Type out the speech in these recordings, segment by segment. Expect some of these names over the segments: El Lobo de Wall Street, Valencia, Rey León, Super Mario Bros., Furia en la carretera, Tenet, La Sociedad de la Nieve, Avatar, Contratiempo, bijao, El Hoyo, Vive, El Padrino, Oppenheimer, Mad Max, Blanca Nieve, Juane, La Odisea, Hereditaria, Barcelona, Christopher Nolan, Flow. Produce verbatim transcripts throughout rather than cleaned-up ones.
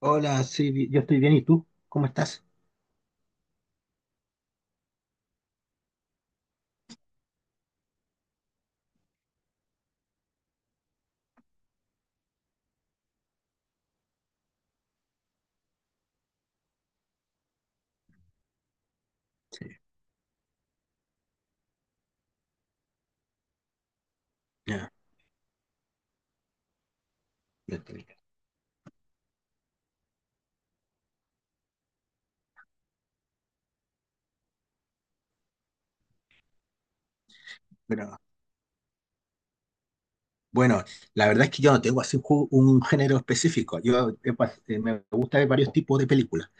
Hola, sí, bi- yo estoy bien, ¿y tú? ¿Cómo estás? Ya, yo estoy bien. Pero, bueno, la verdad es que yo no tengo así un, ju- un género específico. Yo he pas- eh, me gusta ver varios tipos de películas.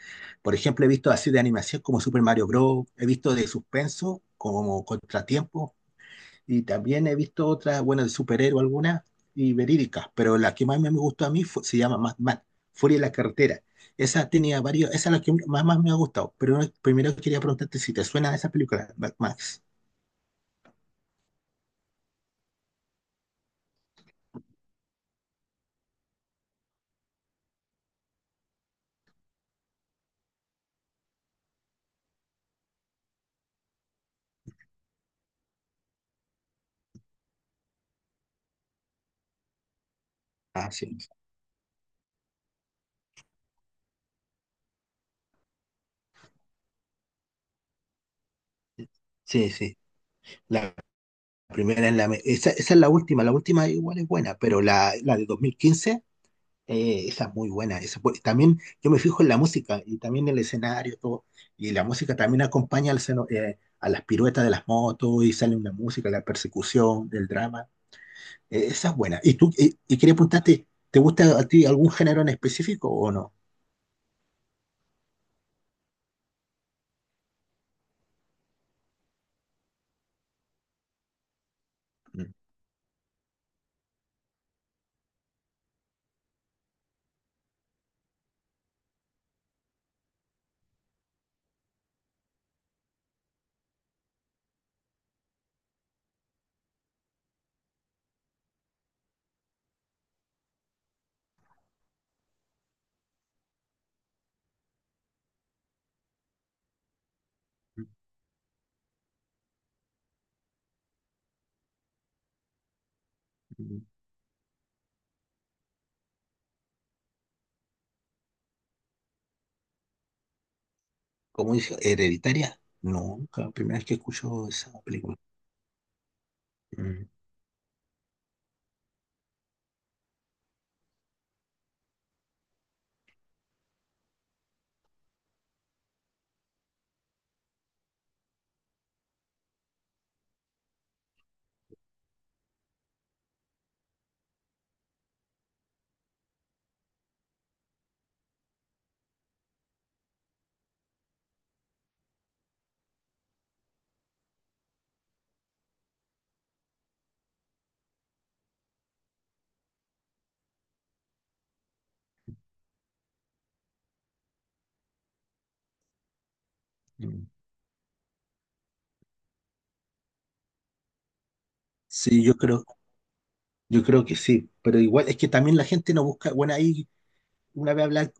Por ejemplo, he visto así de animación como Super Mario Bros. He visto de suspenso como Contratiempo. Y también he visto otras, bueno, de superhéroe algunas y verídicas. Pero la que más me gustó a mí fue- se llama Mad Max, Furia en la carretera. Esa tenía varios, esa es la que más, más me ha gustado. Pero primero quería preguntarte si te suena esa película, Mad Max. Ah, sí, sí, sí. La primera es la... me- esa, esa es la última. La última igual es buena, pero la, la de dos mil quince, eh, esa es muy buena. Esa fue- también yo me fijo en la música y también el escenario, todo. Y la música también acompaña al seno- eh, a las piruetas de las motos y sale una música, la persecución, el drama. Eh, esa es buena. Y tú, y, y quería preguntarte, ¿te gusta a ti algún género en específico o no? Mm. ¿Cómo dice? ¿Hereditaria? No, nunca, primera vez que escucho esa película. Mm. Mm. Sí, yo creo, yo creo que sí, pero igual es que también la gente no busca. Bueno, ahí una vez hablar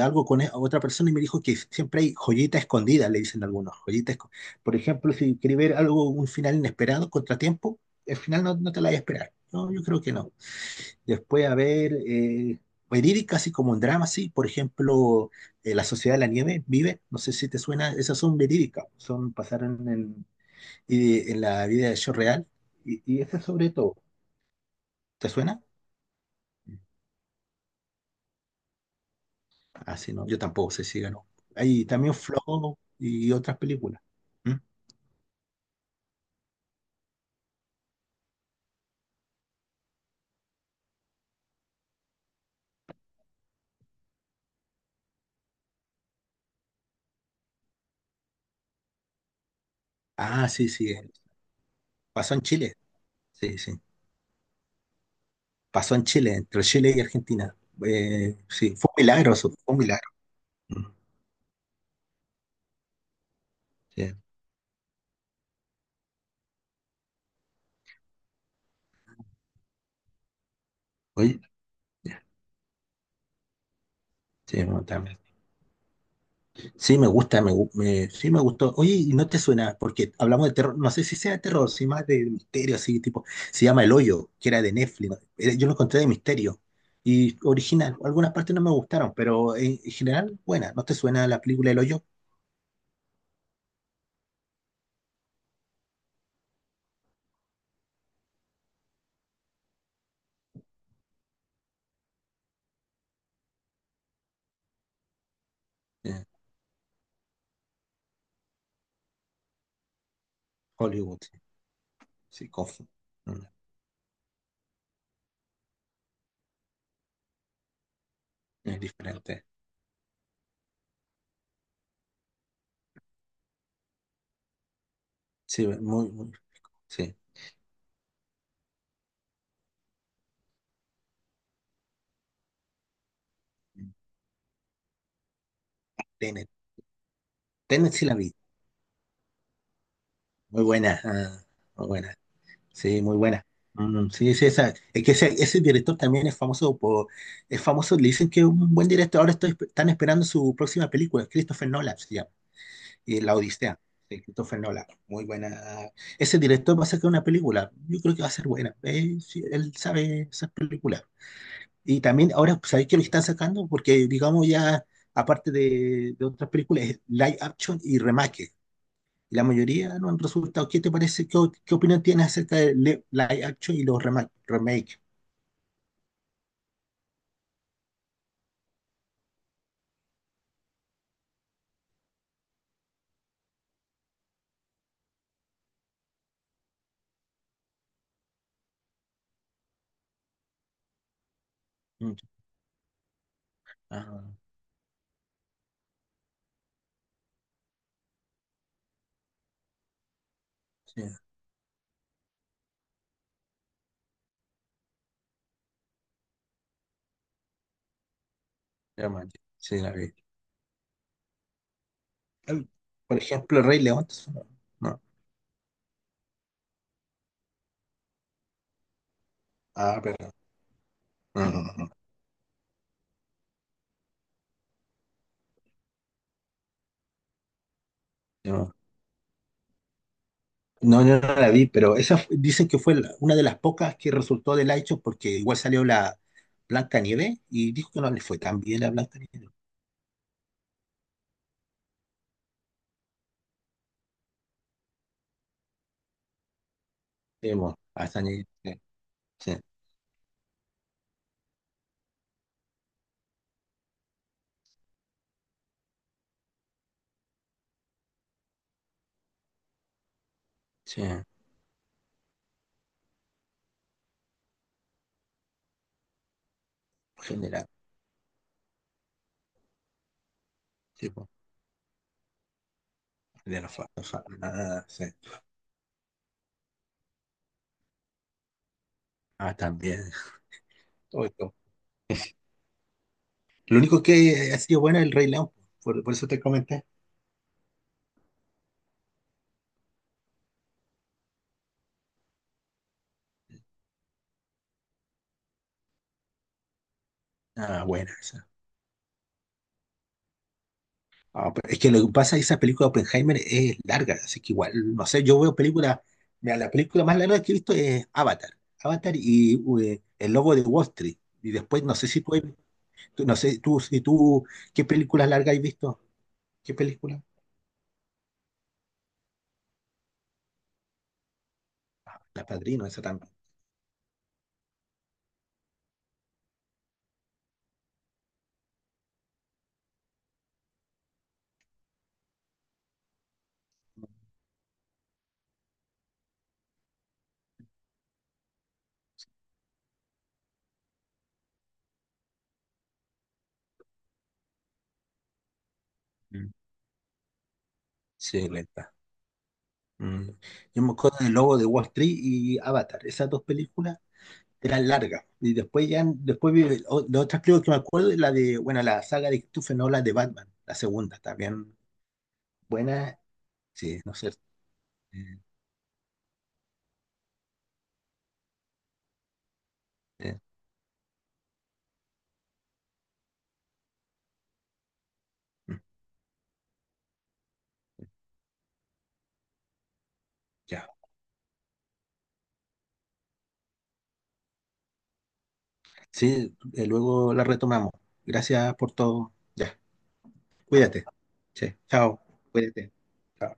algo con e- otra persona y me dijo que siempre hay joyita escondida, le dicen algunos, joyitas. esco- Por ejemplo, si queréis ver algo, un final inesperado, contratiempo, el final no, no te la vas a esperar. No, yo creo que no. Después, a ver, eh, verídica, así como un drama, sí, por ejemplo, eh, La Sociedad de la Nieve, Vive, no sé si te suena, esas son verídicas, son, pasaron en, y- en la vida de hecho real, y, y esas sobre todo, ¿te suena? Así no, yo tampoco sé si ganó. Hay también Flow y otras películas. ¿Mm? Ah, sí, sí. eh, Pasó en Chile. Sí, sí. Pasó en Chile, entre Chile y Argentina. Eh, sí, fue un milagro eso, fue un milagro. Mm, sí. Oye, ya, sí, bueno, también. Sí, me gusta, me, gu- me- sí me gustó. Oye, ¿y no te suena? Porque hablamos de terror, no sé si sea de terror, si más de misterio, así tipo, se llama El Hoyo, que era de Netflix, ¿no? Eh, yo lo encontré de misterio y original. Algunas partes no me gustaron, pero en, en general, buena. ¿No te suena la película El Hoyo? Eh, Hollywood, sí, sí, confu- mm, es diferente. Sí, muy, muy, sí. Tenet, Tenet sí la vi, muy buena, ah, muy buena. Sí, muy buena. Mm, sí, sí, esa, es que ese, ese director también es famoso por, es famoso, le dicen que es un buen director. Ahora estoy, están esperando su próxima película, Christopher Nolan se llama, y La Odisea, de Christopher Nolan. Muy buena. Ese director va a sacar una película. Yo creo que va a ser buena. Eh, sí, él sabe esas películas. Y también ahora, ¿sabéis que lo están sacando? Porque digamos ya, aparte de, de otras películas, es live action y remake y la mayoría no han resultado. ¿Qué te parece? ¿Qué, o- qué opinión tienes acerca de li- live action y los remake? remake? Mm, ah, sí, remake, sí, la vi. Em, Por ejemplo, Rey León. No, no. Ah, pero no, no, no, no. No, no, no la vi, pero esa fu- dicen que fue la- una de las pocas que resultó del hecho porque igual salió la Blanca Nieve y dijo que no le fue tan bien a Blanca Nieve. Sí, mo, hasta ni- sí, sí, sí, en general, sí, po, de la fa- fa- ah, sí. Ah, también. Oito. Lo único que ha sido buena es el Rey León, por, por eso te comenté. Ah, buena esa. Ah, pero es que lo que pasa es que esa película de Oppenheimer es larga, así que igual, no sé, yo veo películas, mira, la película más larga que he visto es Avatar, Avatar y eh, El Lobo de Wall Street. Y después, no sé si tú, tú- no sé, tú, si tú, ¿qué películas largas has visto? ¿Qué película? La Padrino, esa también. Mm. Sí, lenta. Mm. Yo me acuerdo del Lobo de Wall Street y Avatar, esas dos películas eran largas. Y después ya, después vi, o- la otra creo que me acuerdo es la de, bueno, la saga de Christopher Nolan de Batman, la segunda, también buena, sí, no sé. eh, eh, mm, ya, sí, eh, luego la retomamos. Gracias por todo. Ya, cuídate. Sí, chao, cuídate. Chao.